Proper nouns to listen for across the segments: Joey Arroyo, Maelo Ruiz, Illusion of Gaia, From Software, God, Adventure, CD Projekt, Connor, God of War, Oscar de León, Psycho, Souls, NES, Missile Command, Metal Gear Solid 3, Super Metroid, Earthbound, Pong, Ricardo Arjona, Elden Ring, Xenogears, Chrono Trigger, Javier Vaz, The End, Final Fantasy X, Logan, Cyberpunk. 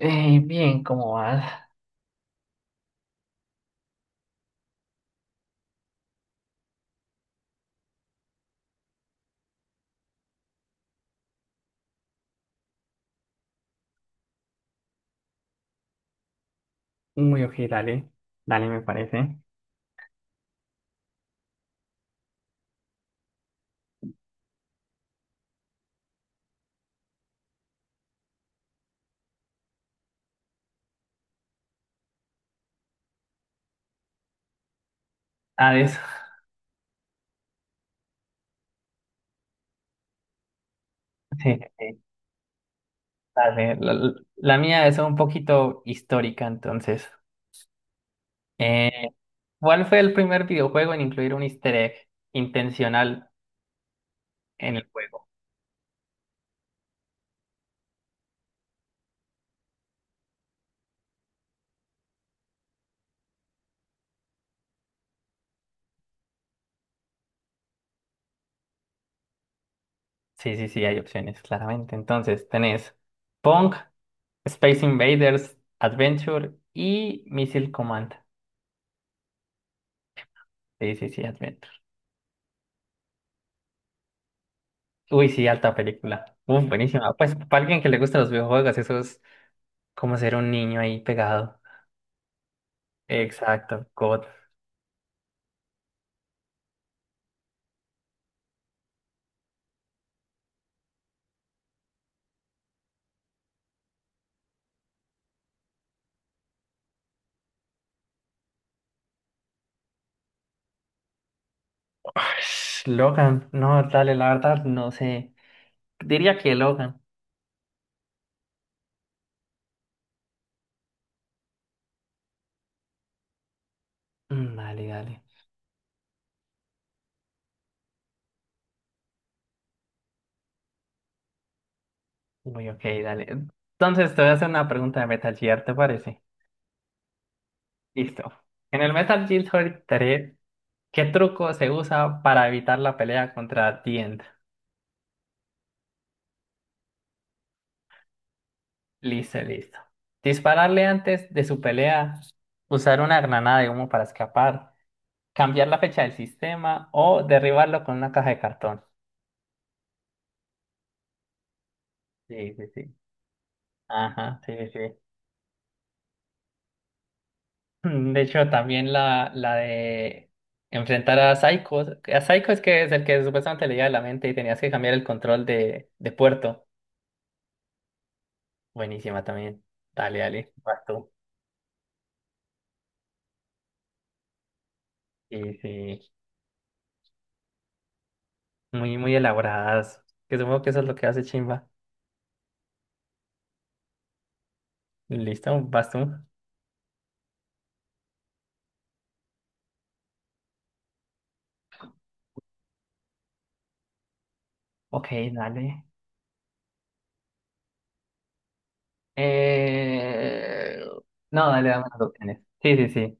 Bien, ¿cómo vas? Muy ok, dale. Dale, me parece. Ah, eso. Sí, sí, sí, dale. La mía es un poquito histórica, entonces. Eh, ¿Cuál fue el primer videojuego en incluir un easter egg intencional en el juego? Sí, sí, sí, hay opciones, claramente. Entonces, tenés Pong, Space Invaders, Adventure y Missile Command. Sí, sí, sí, Adventure. Uy, sí, alta película. Uf, buenísima. Pues para alguien que le gustan los videojuegos, eso es como ser un niño ahí pegado. Exacto, God. Ush, Logan, no, dale, la verdad, no sé. Diría que Logan. Mm, dale, dale. Uy, ok, dale. Entonces te voy a hacer una pregunta de Metal Gear, ¿te parece? Listo. En el Metal Gear Solid 3, ¿qué truco se usa para evitar la pelea contra The End? Listo, listo. Dispararle antes de su pelea, usar una granada de humo para escapar, cambiar la fecha del sistema o derribarlo con una caja de cartón. Sí, sí, sí. Ajá, sí, sí, sí. De hecho, también la de enfrentar a Psycho. A Psycho es que es el que supuestamente leía la mente y tenías que cambiar el control de puerto. Buenísima también. Dale, dale, vas tú. Sí, sí. Muy, muy elaboradas. Que supongo que eso es lo que hace Chimba. Listo, vas tú. Ok, dale. Eh... No, dale, dame las opciones. Sí, sí, sí.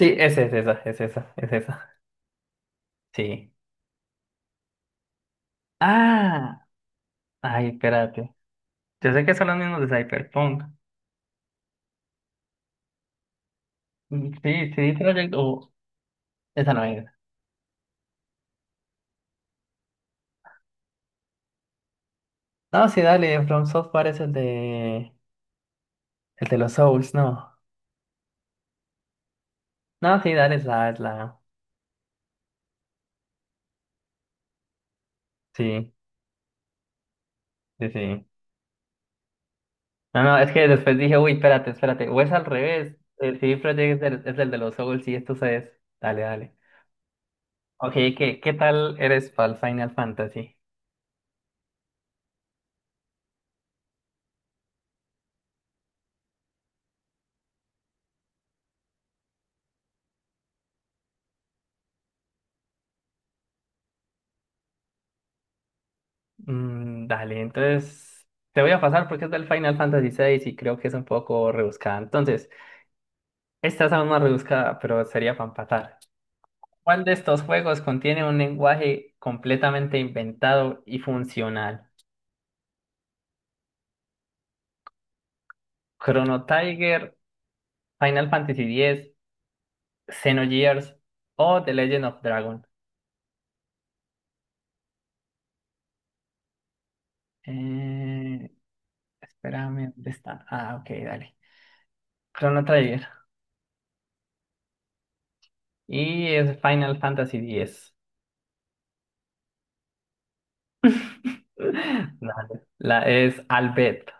Sí, es esa, es esa, es esa. Sí. Ah, ay, espérate. Yo sé que son los mismos de Cyberpunk. Mm, sí, sí, Project o esa no era. No, sí, dale, From Software es el de los Souls, no. No, sí, dale, es la. Sí, sí, sí. No, no, es que después dije, uy, espérate, espérate. O es al revés. El CD Projekt es el de los Souls y esto es. Dale, dale. Ok, ¿qué tal eres para el Final Fantasy? Mm, dale, entonces te voy a pasar porque es del Final Fantasy 6 y creo que es un poco rebuscada. Entonces. Esta es aún más rebuscada, pero sería para empatar. ¿Cuál de estos juegos contiene un lenguaje completamente inventado y funcional? ¿Chrono Tiger, Final Fantasy X, Xenogears o The Legend of Dragon? Eh, espérame, ¿dónde está? Ah, ok, dale. Chrono Trigger. Y es Final Fantasy X. Dale. La es Albert.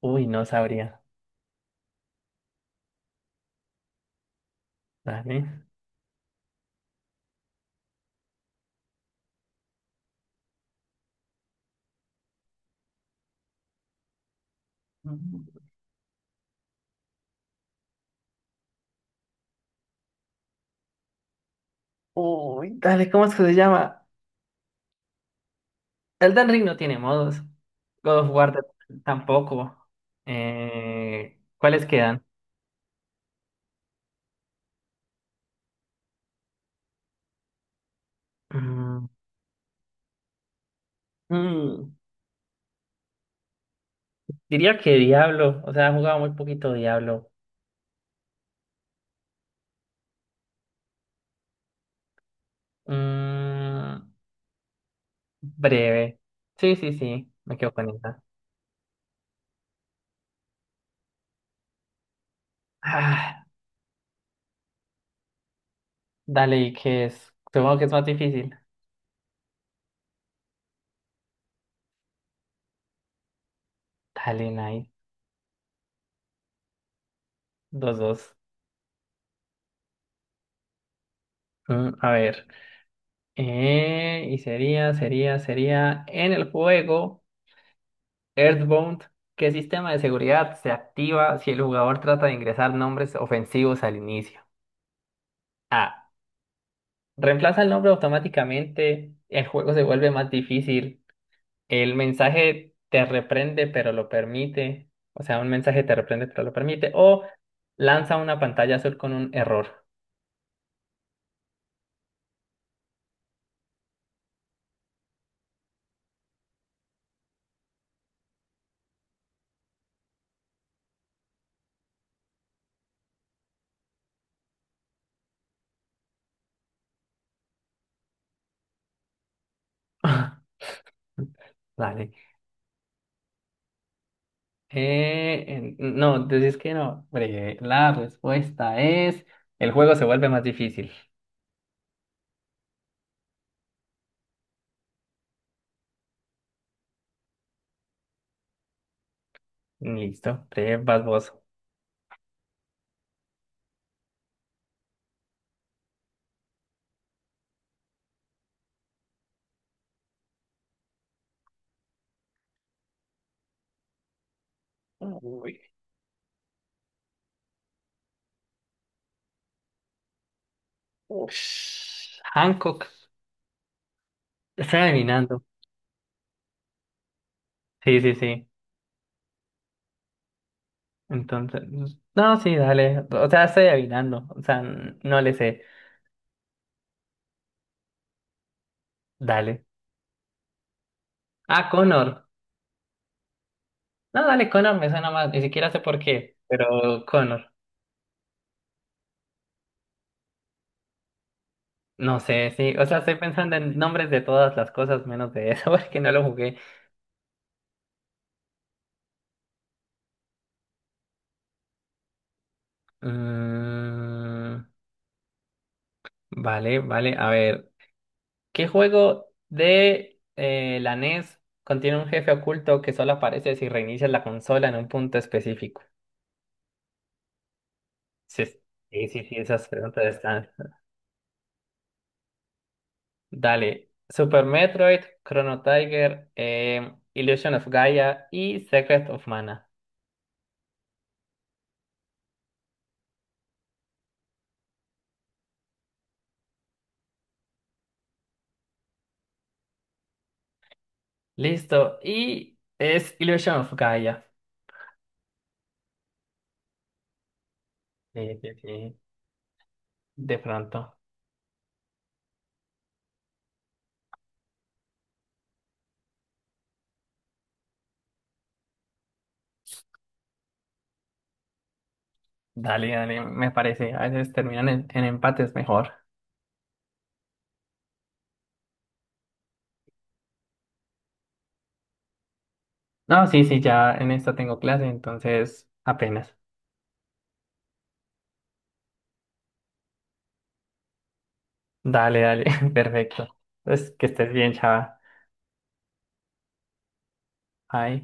Uy, no sabría. Dale. Uy, dale, ¿cómo es que se llama? Elden Ring no tiene modos. God of War tampoco. ¿Cuáles quedan? Mm, mm, diría que Diablo. O sea, he jugado muy poquito Diablo. Mm, breve. Sí, sí, sí. Me quedo con esa. Ah, dale, ¿y qué es? Supongo que es más difícil. Dale, nice. Dos, dos. Mm, a ver. Y sería en el juego. Earthbound, ¿qué sistema de seguridad se activa si el jugador trata de ingresar nombres ofensivos al inicio? A. Reemplaza el nombre automáticamente, el juego se vuelve más difícil, el mensaje te reprende pero lo permite, o sea, un mensaje te reprende pero lo permite, o lanza una pantalla azul con un error. Dale. Eh, no, decís que no. Breve. La respuesta es, el juego se vuelve más difícil. Listo. Breve, vas vos. Uy, ush. Hancock. Estoy adivinando. Sí, sí, sí. Entonces, no, sí, dale. O sea, estoy adivinando. O sea, no le sé. Dale. Ah, Connor. No, dale, Connor me suena más. Ni siquiera sé por qué, pero Connor. No sé, sí. O sea, estoy pensando en nombres de todas las cosas menos de eso, porque no lo jugué. Mm, vale, vale. A ver. ¿Qué juego de la NES contiene un jefe oculto que solo aparece si reinicias la consola en un punto específico? Sí, sí, sí, sí, esas preguntas están. Dale. Super Metroid, Chrono Tiger, Illusion of Gaia y Secret of Mana. Listo. Y es Illusion of Gaia. Sí, sí, sí. De pronto. Dale, dale, me parece. A veces terminan en empates mejor. No, sí, sí, ya en esta tengo clase, entonces apenas. Dale, dale, perfecto. Entonces, que estés bien, chava. Bye.